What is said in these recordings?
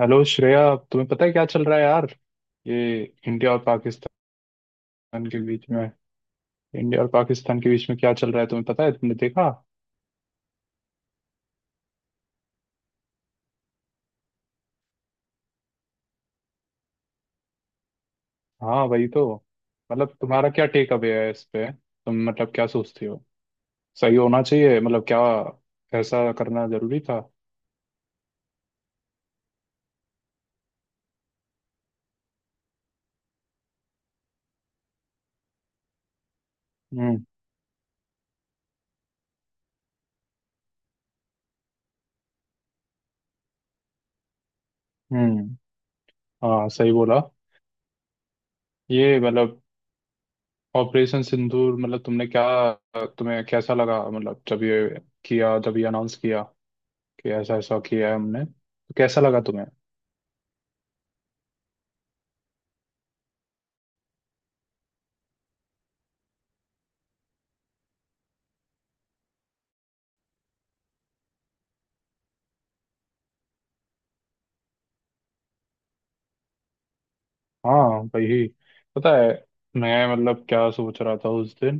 Hello Shreya. तुम्हें पता है क्या चल रहा है, यार? ये इंडिया और पाकिस्तान के बीच में इंडिया और पाकिस्तान के बीच में क्या चल रहा है, तुम्हें पता है? तुमने देखा? हाँ, वही तो। मतलब तुम्हारा क्या टेक अवे है इस पे? तुम मतलब क्या सोचती हो? सही होना चाहिए मतलब, क्या ऐसा करना जरूरी था? हम्म। हम्म। हाँ, सही बोला। ये मतलब ऑपरेशन सिंदूर, मतलब तुमने क्या तुम्हें कैसा लगा? मतलब जब ये अनाउंस किया कि ऐसा ऐसा किया है हमने, तो कैसा लगा तुम्हें? हाँ, वही। पता है, मैं मतलब क्या सोच रहा था उस दिन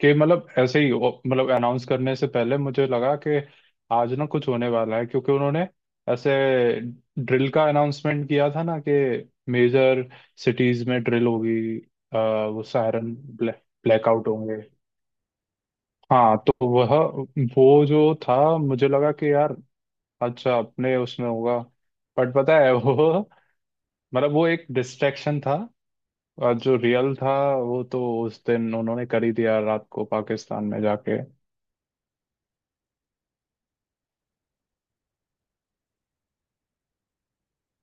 कि मतलब अनाउंस करने से पहले मुझे लगा कि आज ना कुछ होने वाला है क्योंकि उन्होंने ऐसे ड्रिल का अनाउंसमेंट किया था ना, कि मेजर सिटीज में ड्रिल होगी, वो सायरन ब्लैकआउट होंगे। हाँ, तो वह वो जो था, मुझे लगा कि यार, अच्छा अपने उसमें होगा। बट पता है वो मतलब वो एक डिस्ट्रैक्शन था। आज जो रियल था वो तो उस दिन उन्होंने कर ही दिया, रात को पाकिस्तान में जाके।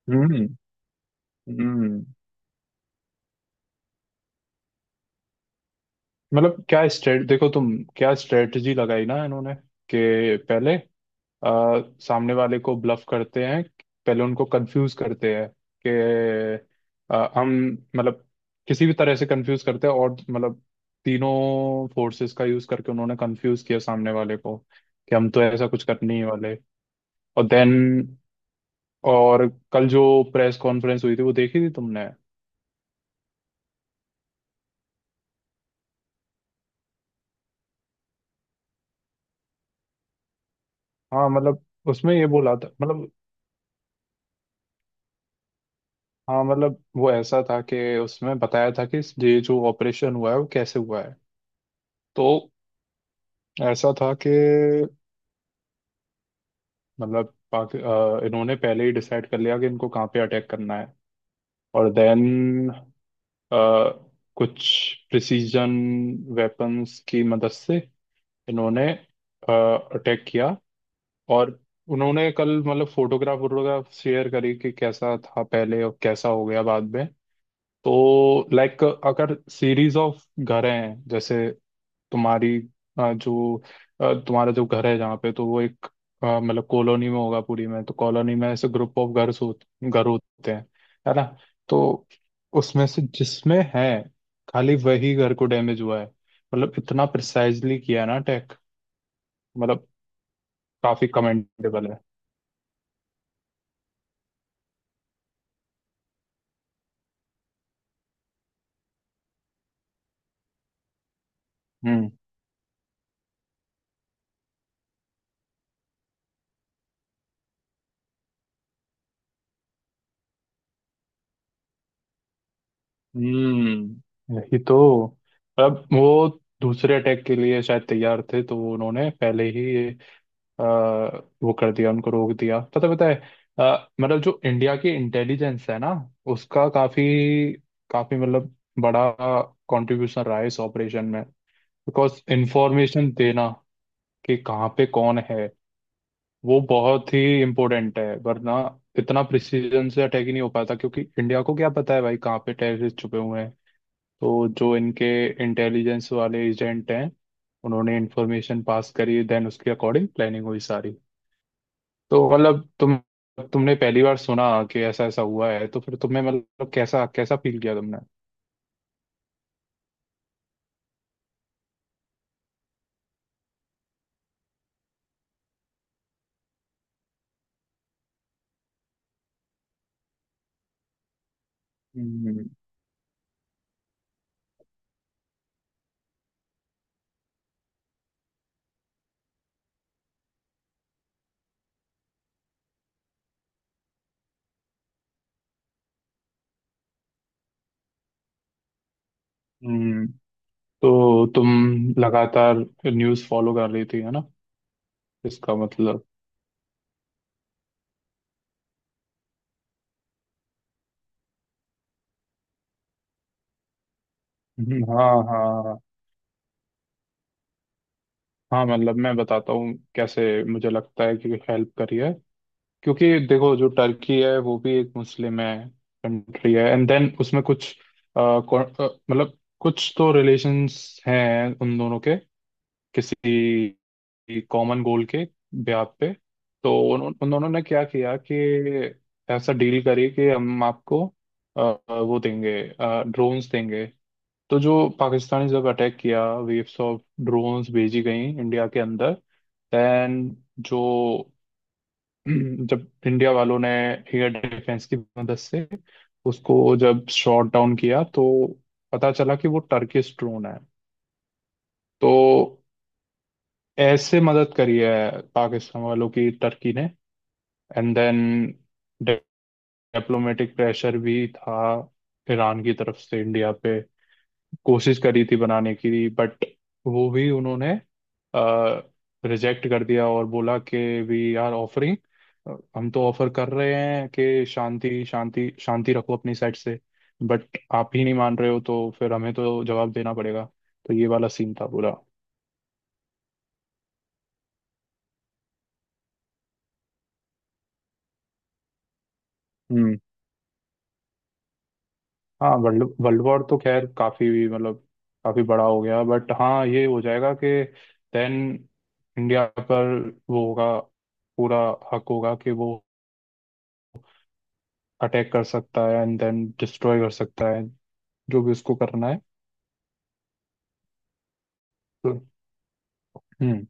हम्म। हम्म। मतलब क्या स्ट्रेट देखो तुम, क्या स्ट्रेटजी लगाई ना इन्होंने? कि पहले आ, सामने वाले को ब्लफ करते हैं, पहले उनको कंफ्यूज करते हैं कि आ, हम मतलब किसी भी तरह से कंफ्यूज करते हैं, और मतलब तीनों फोर्सेस का यूज करके उन्होंने कंफ्यूज किया सामने वाले को कि हम तो ऐसा कुछ कर नहीं वाले। और देन और कल जो प्रेस कॉन्फ्रेंस हुई थी वो देखी थी तुमने? हाँ मतलब उसमें ये बोला था मतलब। हाँ, मतलब वो ऐसा था कि उसमें बताया था कि ये जो ऑपरेशन हुआ है वो कैसे हुआ है। तो ऐसा था कि मतलब इन्होंने पहले ही डिसाइड कर लिया कि इनको कहाँ पे अटैक करना है, और देन कुछ प्रिसीजन वेपन्स की मदद से इन्होंने अटैक किया। और उन्होंने कल, मतलब, फोटोग्राफ वोटोग्राफ शेयर करी कि कैसा था पहले और कैसा हो गया बाद में। तो लाइक, अगर सीरीज ऑफ घर हैं जैसे तुम्हारी, अ, जो तुम्हारा जो घर है जहाँ पे, तो वो एक मतलब कॉलोनी में होगा पूरी में, तो कॉलोनी में ऐसे ग्रुप ऑफ घर हो घर होते हैं, है ना? तो उसमें से जिसमें है, खाली वही घर को डैमेज हुआ है। मतलब इतना प्रिसाइजली किया है ना अटैक, मतलब काफी कमेंडेबल है। हम्म। हम्म, यही तो। अब वो दूसरे अटैक के लिए शायद तैयार थे, तो उन्होंने पहले ही ये अ, वो कर दिया, उनको रोक दिया। पता पता है, मतलब जो इंडिया की इंटेलिजेंस है ना, उसका काफी काफी मतलब बड़ा कंट्रीब्यूशन रहा है इस ऑपरेशन में। बिकॉज इंफॉर्मेशन देना कि कहाँ पे कौन है वो बहुत ही इम्पोर्टेंट है, वरना इतना प्रिसीजन से अटैक ही नहीं हो पाता, क्योंकि इंडिया को क्या पता है भाई कहाँ पे टेररिस्ट छुपे हुए हैं? तो जो इनके इंटेलिजेंस वाले एजेंट हैं, उन्होंने इंफॉर्मेशन पास करी, देन उसके अकॉर्डिंग प्लानिंग हुई सारी। तो मतलब तुमने पहली बार सुना कि ऐसा ऐसा हुआ है, तो फिर तुम्हें मतलब कैसा कैसा फील किया तुमने? हम्म। हम्म। तो तुम लगातार न्यूज़ फॉलो कर रही थी, है ना? इसका मतलब। हाँ हाँ हाँ। हाँ मतलब मैं बताता हूँ कैसे, मुझे लगता है कि हेल्प करी है, क्योंकि देखो, जो टर्की है वो भी एक मुस्लिम है, कंट्री है। एंड देन उसमें कुछ अ, कौ- अ, मतलब कुछ तो रिलेशंस हैं उन दोनों के, किसी कॉमन गोल के ब्याह पे। तो उन दोनों ने क्या किया कि ऐसा डील करी कि हम आपको अ, वो देंगे, ड्रोन्स देंगे। तो जो पाकिस्तानी, जब अटैक किया, वेव्स ऑफ ड्रोन्स भेजी गई इंडिया के अंदर। देन जो जब इंडिया वालों ने एयर डिफेंस की मदद से उसको जब शॉट डाउन किया, तो पता चला कि वो टर्किश ड्रोन है। तो ऐसे मदद करी है पाकिस्तान वालों की टर्की ने। एंड देन डिप्लोमेटिक प्रेशर भी था ईरान की तरफ से इंडिया पे, कोशिश करी थी बनाने की, बट वो भी उन्होंने रिजेक्ट कर दिया और बोला कि वी आर ऑफरिंग, हम तो ऑफर कर रहे हैं कि शांति शांति शांति रखो अपनी साइड से। बट आप ही नहीं मान रहे हो, तो फिर हमें तो जवाब देना पड़ेगा। तो ये वाला सीन था पूरा। हम्म। हाँ, वर्ल्ड वर्ल्ड वॉर तो खैर काफी, मतलब काफी बड़ा हो गया, बट हाँ ये हो जाएगा कि देन इंडिया पर वो होगा, पूरा हक होगा कि वो अटैक कर सकता है एंड देन डिस्ट्रॉय कर सकता है, जो भी उसको करना है। तो हम्म,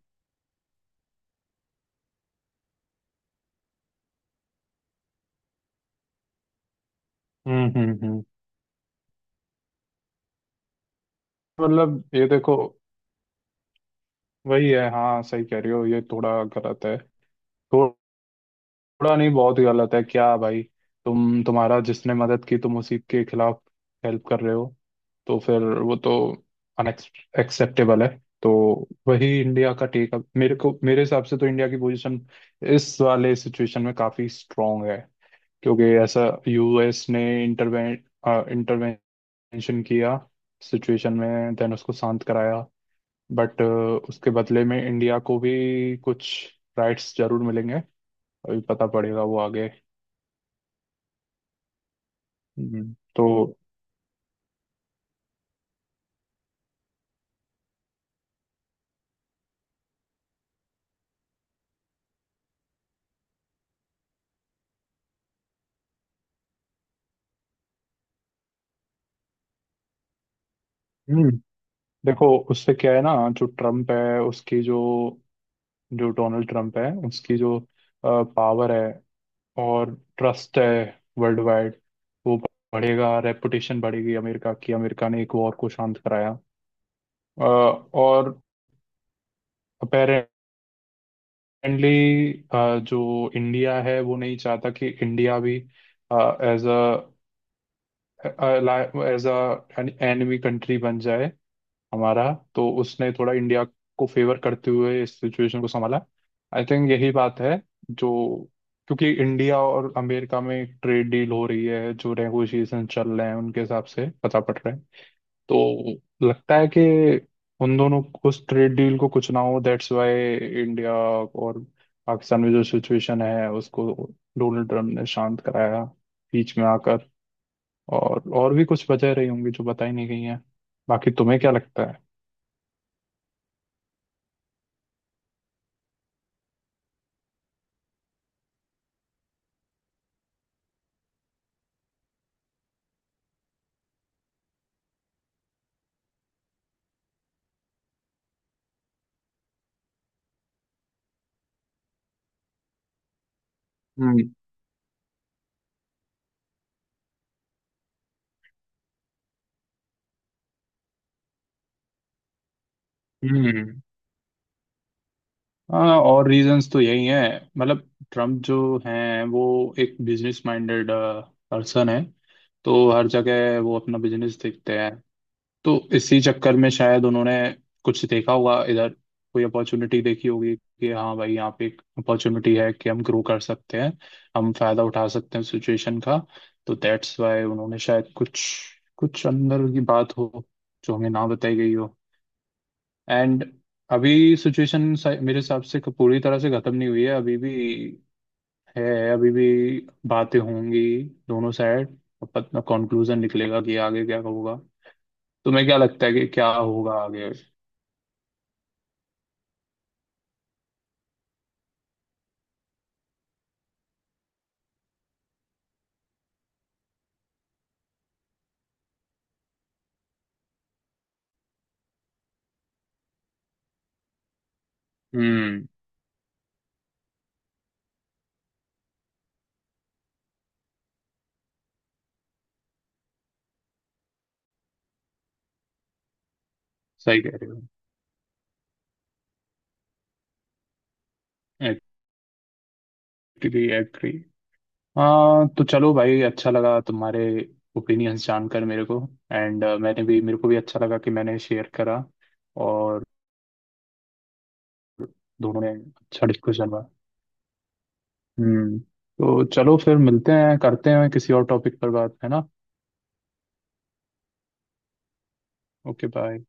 हम्म, हम्म, हम्म, मतलब ये देखो, वही है, हाँ सही कह रही हो, ये थोड़ा गलत है। थोड़ा नहीं, बहुत ही गलत है, क्या भाई! तुम्हारा जिसने मदद की, तुम उसी के खिलाफ हेल्प कर रहे हो? तो फिर वो तो अनएक्सेप्टेबल है। तो वही इंडिया का टेक, मेरे को, मेरे हिसाब से तो इंडिया की पोजीशन इस वाले सिचुएशन में काफी स्ट्रांग है, क्योंकि ऐसा, यूएस ने इंटरवेंशन किया सिचुएशन में, देन उसको शांत कराया, बट उसके बदले में इंडिया को भी कुछ राइट्स जरूर मिलेंगे, अभी पता पड़ेगा वो आगे। तो हम्म, देखो उससे क्या है ना, जो ट्रम्प है उसकी जो जो डोनाल्ड ट्रम्प है उसकी जो पावर है और ट्रस्ट है, वर्ल्ड वाइड, वो बढ़ेगा, रेपुटेशन बढ़ेगी अमेरिका की, अमेरिका ने एक वॉर को शांत कराया। और अपेरेंटली जो इंडिया है वो नहीं चाहता कि इंडिया भी as a as a enemy country बन जाए हमारा, तो उसने थोड़ा इंडिया को फेवर करते हुए इस सिचुएशन को संभाला। आई थिंक यही बात है जो, क्योंकि इंडिया और अमेरिका में ट्रेड डील हो रही है, जो नेगोशिएशन चल रहे हैं उनके हिसाब से पता पड़ रहा है। तो लगता है कि उन दोनों, उस ट्रेड डील को कुछ ना हो, दैट्स वाई इंडिया और पाकिस्तान में जो सिचुएशन है उसको डोनाल्ड ट्रम्प ने शांत कराया बीच में आकर। और भी कुछ वजह रही होंगी जो बताई नहीं गई हैं। बाकी तुम्हें क्या लगता है? हम्म। हम्म। हाँ, और रीजंस तो यही हैं, मतलब ट्रम्प जो हैं वो एक बिजनेस माइंडेड पर्सन है, तो हर जगह वो अपना बिजनेस देखते हैं। तो इसी चक्कर में शायद उन्होंने कुछ देखा होगा इधर, कोई अपॉर्चुनिटी देखी होगी कि हाँ भाई यहाँ पे एक अपॉर्चुनिटी है कि हम ग्रो कर सकते हैं, हम फायदा उठा सकते हैं सिचुएशन का। तो दैट्स वाई उन्होंने शायद कुछ कुछ अंदर की बात हो, जो हमें ना बताई गई हो। एंड अभी सिचुएशन मेरे हिसाब से पूरी तरह से खत्म नहीं हुई है, अभी भी है, अभी भी बातें होंगी दोनों साइड, अपना कंक्लूजन निकलेगा कि आगे क्या होगा। तुम्हें क्या लगता है कि क्या होगा आगे? हम्म। सही कह रहे हो। Agree, agree. हाँ, तो चलो भाई, अच्छा लगा तुम्हारे ओपिनियंस जानकर मेरे को, एंड मैंने भी, मेरे को भी अच्छा लगा कि मैंने शेयर करा, और दोनों ने अच्छा डिस्कशन हुआ। हम्म। तो चलो फिर, मिलते हैं, करते हैं किसी और टॉपिक पर बात, है ना? Okay, bye.